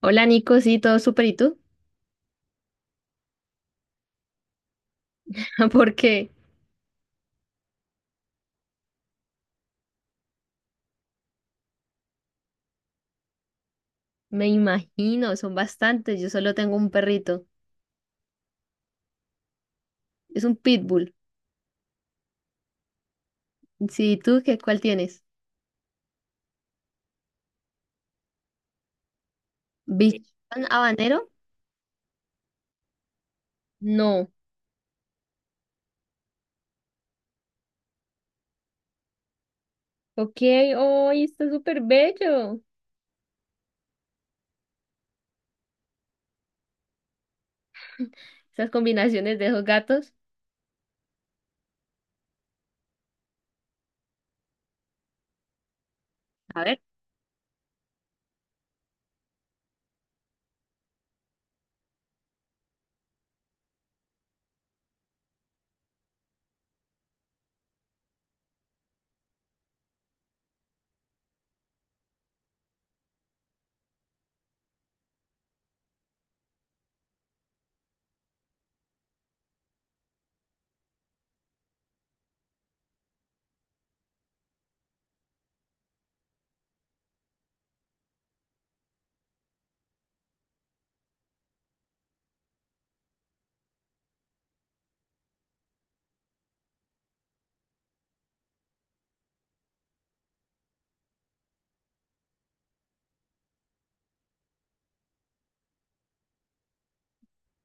Hola Nico, sí, todo súper, ¿y tú? Porque me imagino, son bastantes, yo solo tengo un perrito, es un pitbull. Sí, ¿y tú qué, ¿cuál tienes? ¿Bichón habanero? No. Ok, hoy está súper bello. Esas combinaciones de esos gatos. A ver,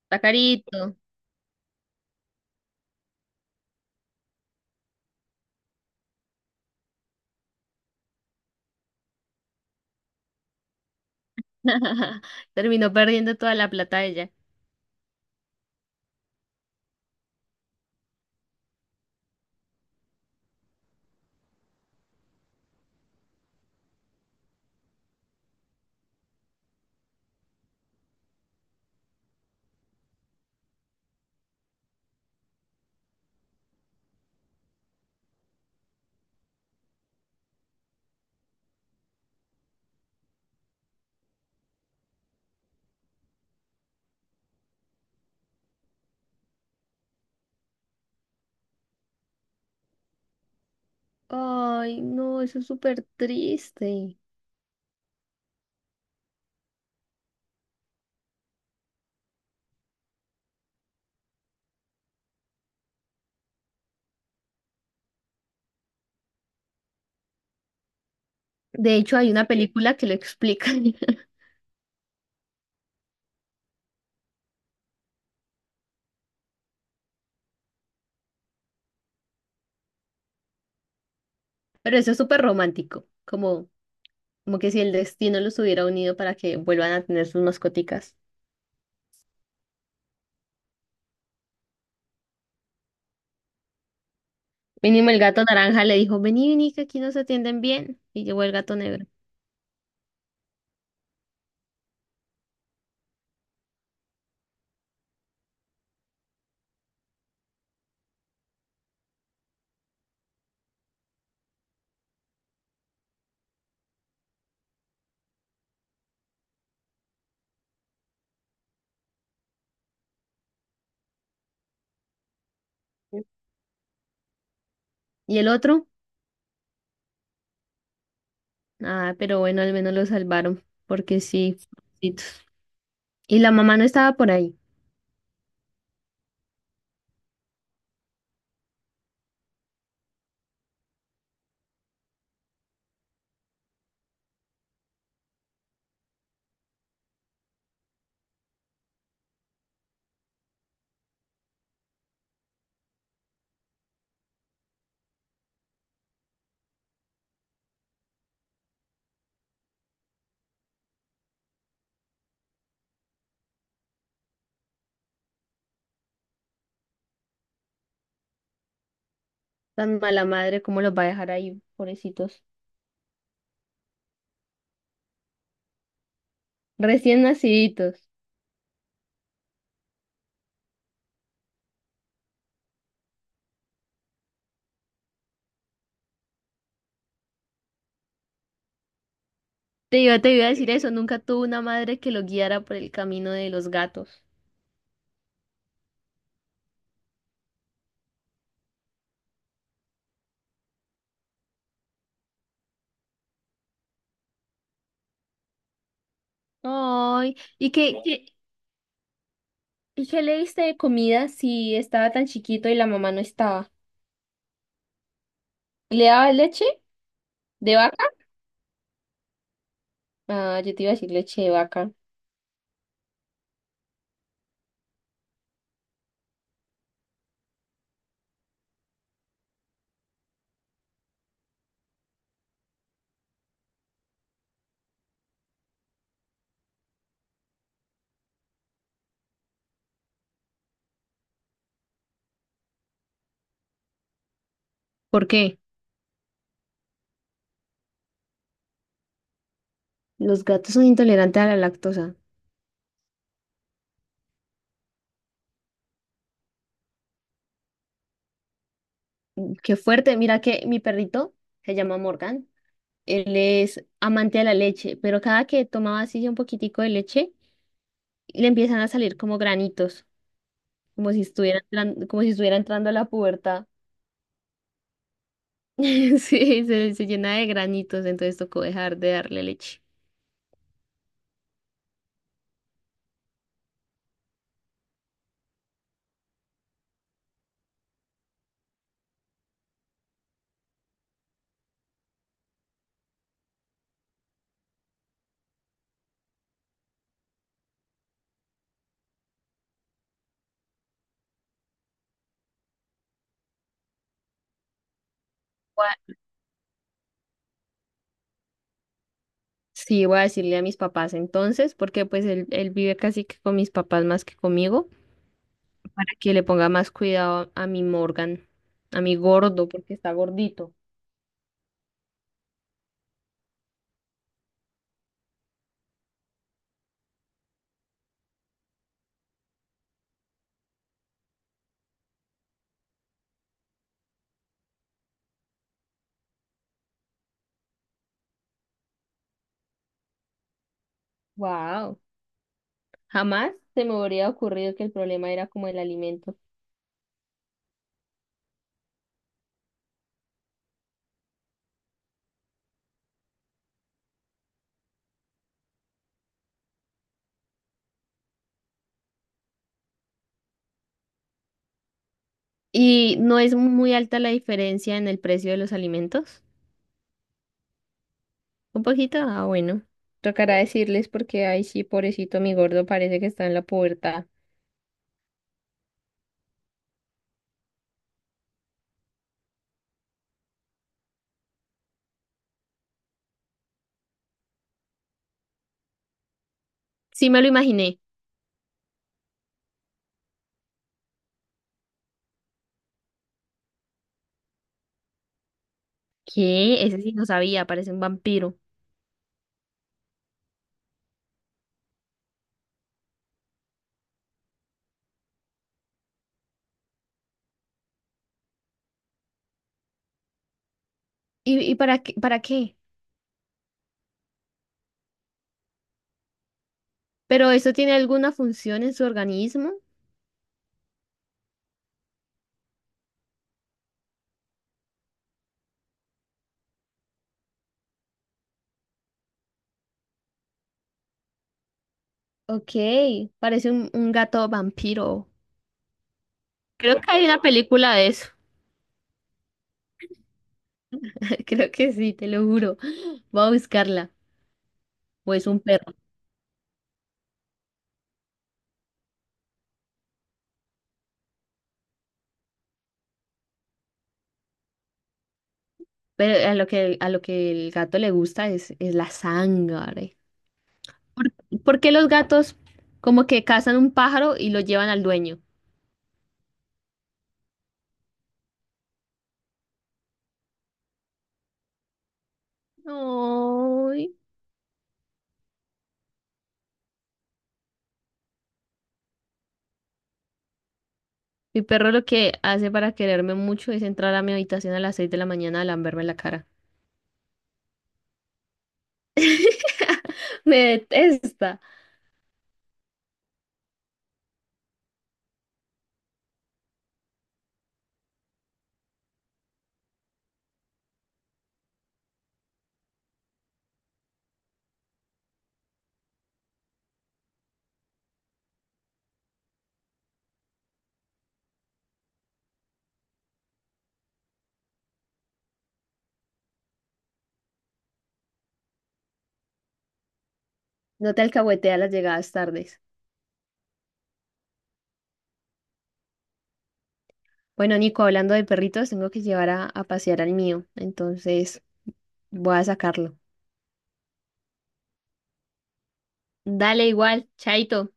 está carito. Terminó perdiendo toda la plata ella. Ay, no, eso es súper triste. De hecho, hay una película que lo explica. Pero eso es súper romántico, como que si el destino los hubiera unido para que vuelvan a tener sus mascoticas. Mínimo el gato naranja le dijo, vení, vení, que aquí nos atienden bien. Y llegó el gato negro. ¿Y el otro? Ah, pero bueno, al menos lo salvaron, porque sí, pobrecitos. Y la mamá no estaba por ahí. Tan mala madre, ¿cómo los va a dejar ahí, pobrecitos? Recién naciditos. Te iba a decir eso, nunca tuvo una madre que lo guiara por el camino de los gatos. Ay, ¿y qué le diste de comida si estaba tan chiquito y la mamá no estaba? ¿Le daba leche de vaca? Ah, yo te iba a decir leche de vaca. ¿Por qué? Los gatos son intolerantes a la lactosa. Qué fuerte. Mira que mi perrito se llama Morgan. Él es amante de la leche, pero cada que tomaba así un poquitico de leche, le empiezan a salir como granitos, como si estuviera entrando a la pubertad. Sí, se llena de granitos, entonces tocó dejar de darle leche. Voy a- Sí, voy a decirle a mis papás entonces, porque pues él vive casi que con mis papás más que conmigo, para que le ponga más cuidado a mi Morgan, a mi gordo, porque está gordito. Wow, jamás se me habría ocurrido que el problema era como el alimento. ¿Y no es muy alta la diferencia en el precio de los alimentos? Un poquito, ah, bueno. Tocará decirles porque, ay, sí, pobrecito, mi gordo parece que está en la pubertad. Sí, me lo imaginé. ¿Qué? Ese sí no sabía, parece un vampiro. ¿Y para qué? ¿Pero eso tiene alguna función en su organismo? Ok, parece un gato vampiro. Creo que hay una película de eso. Creo que sí, te lo juro. Voy a buscarla. O es un perro. Pero a lo que el gato le gusta es la sangre. ¿Por, por qué los gatos como que cazan un pájaro y lo llevan al dueño? Ay, mi perro lo que hace para quererme mucho es entrar a mi habitación a las 6 de la mañana a lamberme la cara. Me detesta. No te alcahuetea las llegadas tardes. Bueno, Nico, hablando de perritos, tengo que llevar a pasear al mío, entonces voy a sacarlo. Dale igual, chaito.